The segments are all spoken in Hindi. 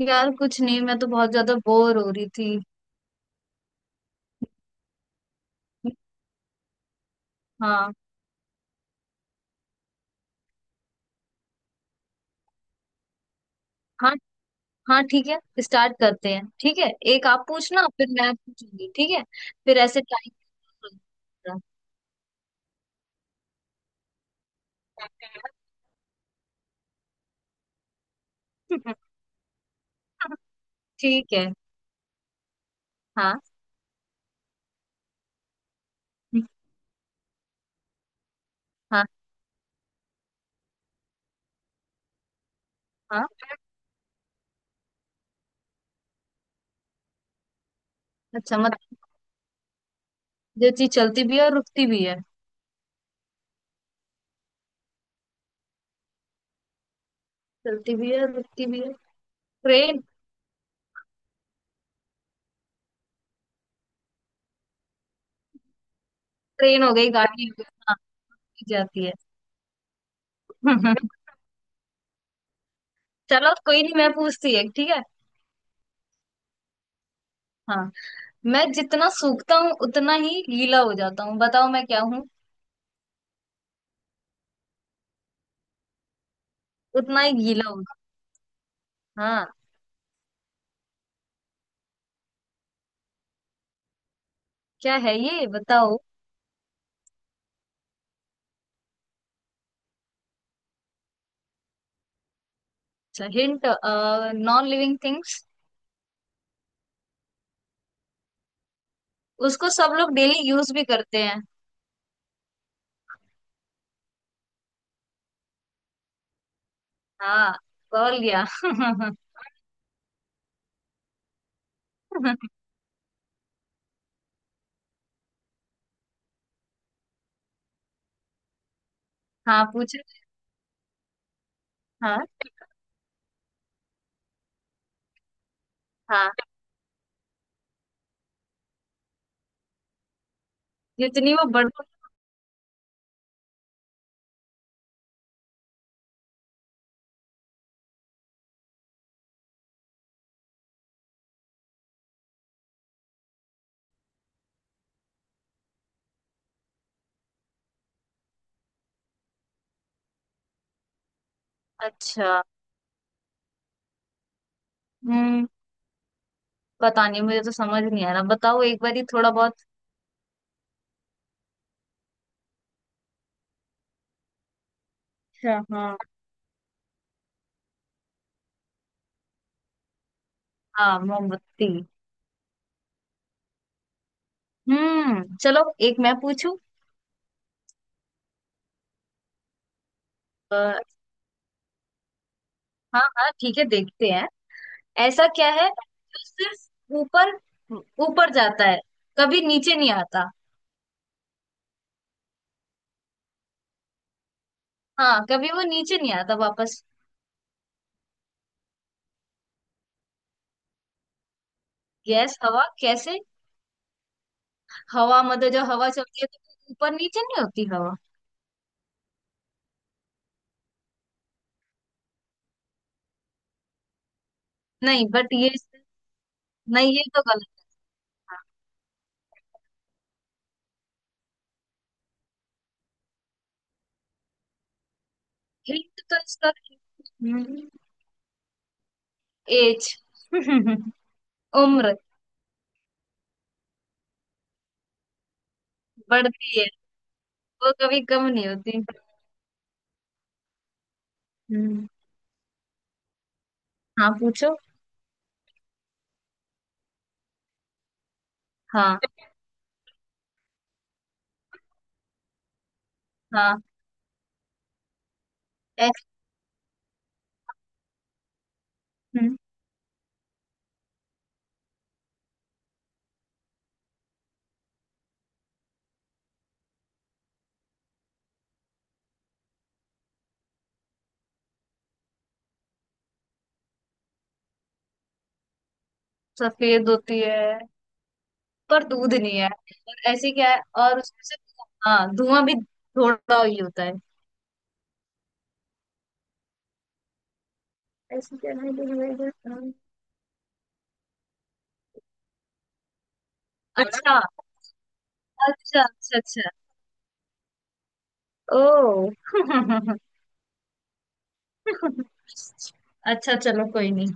यार कुछ नहीं, मैं तो बहुत ज्यादा बोर हो रही थी। हाँ, हाँ हाँ ठीक है, स्टार्ट करते हैं, ठीक है। एक आप पूछना फिर मैं पूछूंगी, ठीक है। फिर ऐसे टाइम ठीक है। हाँ हाँ हाँ। अच्छा मतलब, जो चीज चलती भी है और रुकती भी है। चलती भी है और रुकती भी है। ट्रेन। ट्रेन हो गई, गाड़ी हो गई। हाँ, रुक जाती है। चलो कोई नहीं, मैं पूछती है, ठीक है। हाँ। मैं जितना सूखता हूँ उतना ही गीला हो जाता हूँ, बताओ मैं क्या हूँ। उतना ही गीला होगा। हाँ, क्या है ये, बताओ। अच्छा हिंट। Non living things. उसको सब लोग डेली यूज भी करते हैं। हाँ, कॉल लिया। हाँ पूछे। हाँ हाँ जितनी वो बड़ अच्छा। हम्म, पता नहीं मुझे तो समझ नहीं आ रहा, बताओ एक बार ही थोड़ा बहुत। अच्छा। हाँ, हाँ मोमबत्ती। हम्म, चलो एक मैं पूछूं। अ, हाँ हाँ ठीक है, देखते हैं। ऐसा क्या है जो सिर्फ ऊपर ऊपर जाता है, कभी नीचे नहीं आता। हाँ, कभी वो नीचे नहीं आता वापस। गैस हवा कैसे। हवा मतलब, जब हवा चलती है तो ऊपर नीचे नहीं होती हवा। नहीं, बट ये। नहीं, ये तो गलत। हिंट तो इसका एज। उम्र बढ़ती है, वो कभी कम नहीं होती। हम्म, हाँ पूछो। हाँ हाँ ऐस- हम्म, सफेद होती है पर दूध नहीं है, और ऐसी क्या है, और उसमें से हाँ धुआं भी थोड़ा ही होता है। ऐसी क्या है जो अच्छा, अच्छा अच्छा। ओ अच्छा चलो, कोई नहीं।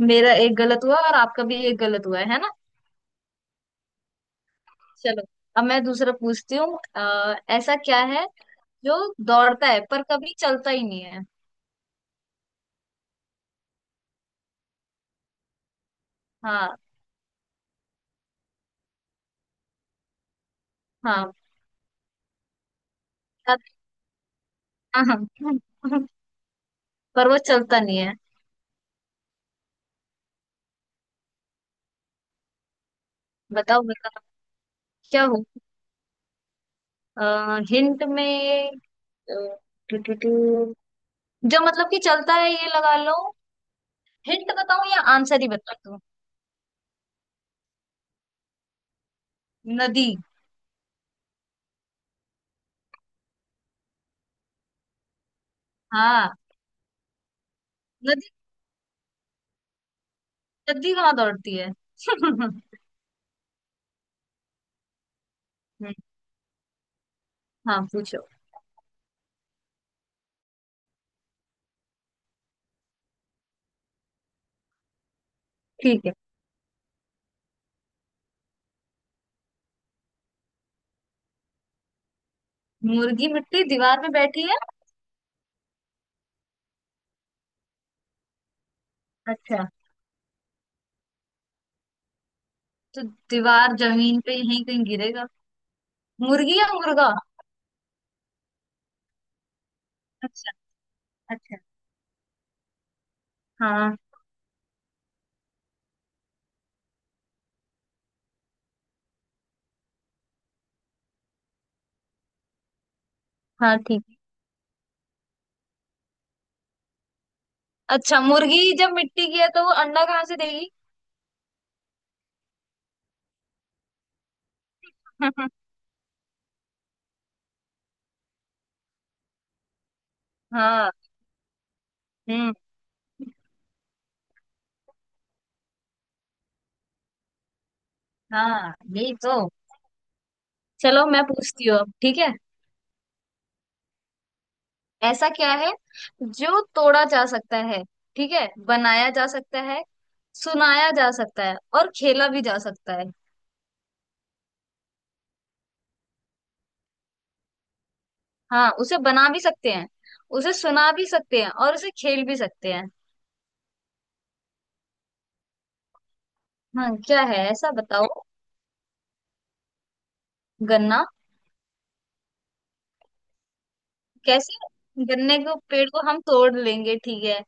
मेरा एक गलत हुआ और आपका भी एक गलत हुआ है ना। चलो, अब मैं दूसरा पूछती हूँ। ऐसा क्या है जो दौड़ता है पर कभी चलता ही नहीं है। हाँ। हाँ हाँ हाँ। पर वो चलता नहीं है। बताओ बताओ क्या हो, हिंट में। अ, टू- टू- टू- जो मतलब कि चलता है ये लगा लो। हिंट बताऊं या आंसर ही बता दूं। नदी। हाँ, जल्दी कहाँ दौड़ती है। हम्म, हाँ पूछो। ठीक है। मुर्गी मिट्टी दीवार में बैठी है। अच्छा, तो दीवार जमीन पे यहीं कहीं गिरेगा। मुर्गी या मुर्गा। अच्छा। अच्छा। हाँ हाँ ठीक है। अच्छा, मुर्गी जब मिट्टी की है तो वो अंडा कहाँ से देगी। हाँ। हम्म। हाँ, यही तो। चलो, मैं पूछती हूँ अब, ठीक है। ऐसा क्या है जो तोड़ा जा सकता है, ठीक है, बनाया जा सकता है, सुनाया जा सकता है और खेला भी जा सकता है। हाँ, उसे बना भी सकते हैं, उसे सुना भी सकते हैं और उसे खेल भी सकते हैं। हाँ, क्या है ऐसा, बताओ। गन्ना कैसे? गन्ने के पेड़ को हम तोड़ लेंगे, ठीक है,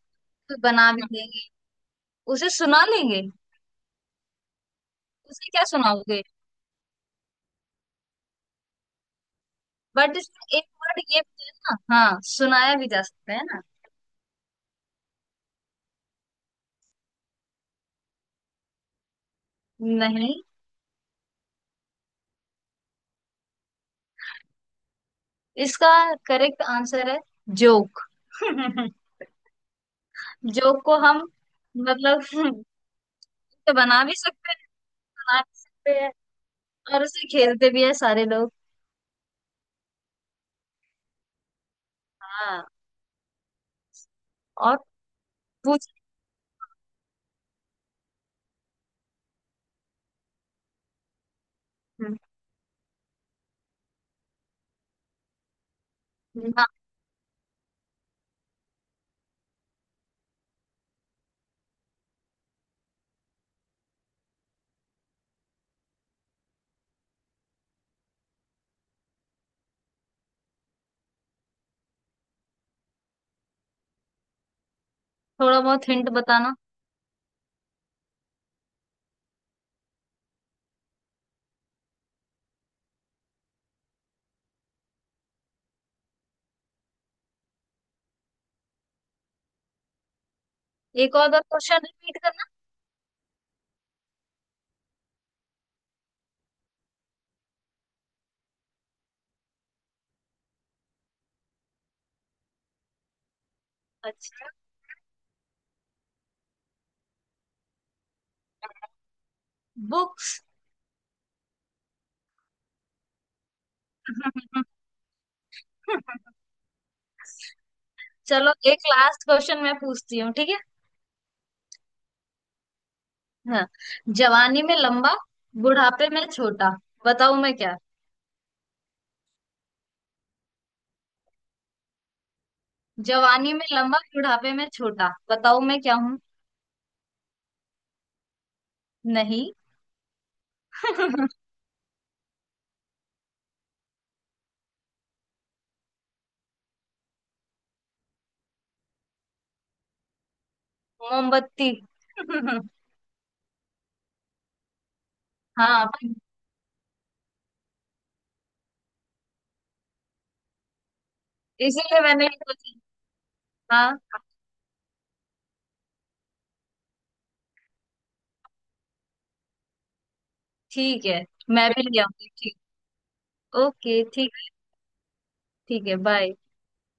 तो बना भी देंगे, उसे सुना लेंगे। उसे क्या सुनाओगे? बट इसमें एक वर्ड ये भी है ना, हाँ, सुनाया भी जा सकता है। ना नहीं। इसका करेक्ट आंसर है जोक। जोक को हम, मतलब, उसे बना भी सकते हैं, सुना भी सकते हैं, और उसे खेलते भी है सारे लोग। हाँ और पूछ। हम्म, हाँ। थोड़ा बहुत हिंट बताना। एक और बार क्वेश्चन रिपीट करना। अच्छा, बुक्स। चलो, एक लास्ट क्वेश्चन मैं पूछती हूँ, ठीक है। हाँ। जवानी में लंबा, बुढ़ापे में छोटा, बताओ मैं क्या। जवानी में लंबा, बुढ़ापे में छोटा, बताओ मैं क्या हूँ। नहीं। मोमबत्ती। हाँ, इसीलिए मैंने ये सोची। हाँ। ठीक है, मैं भी ले आऊंगी, ठीक। ओके, ठीक। ठीक है, बाय।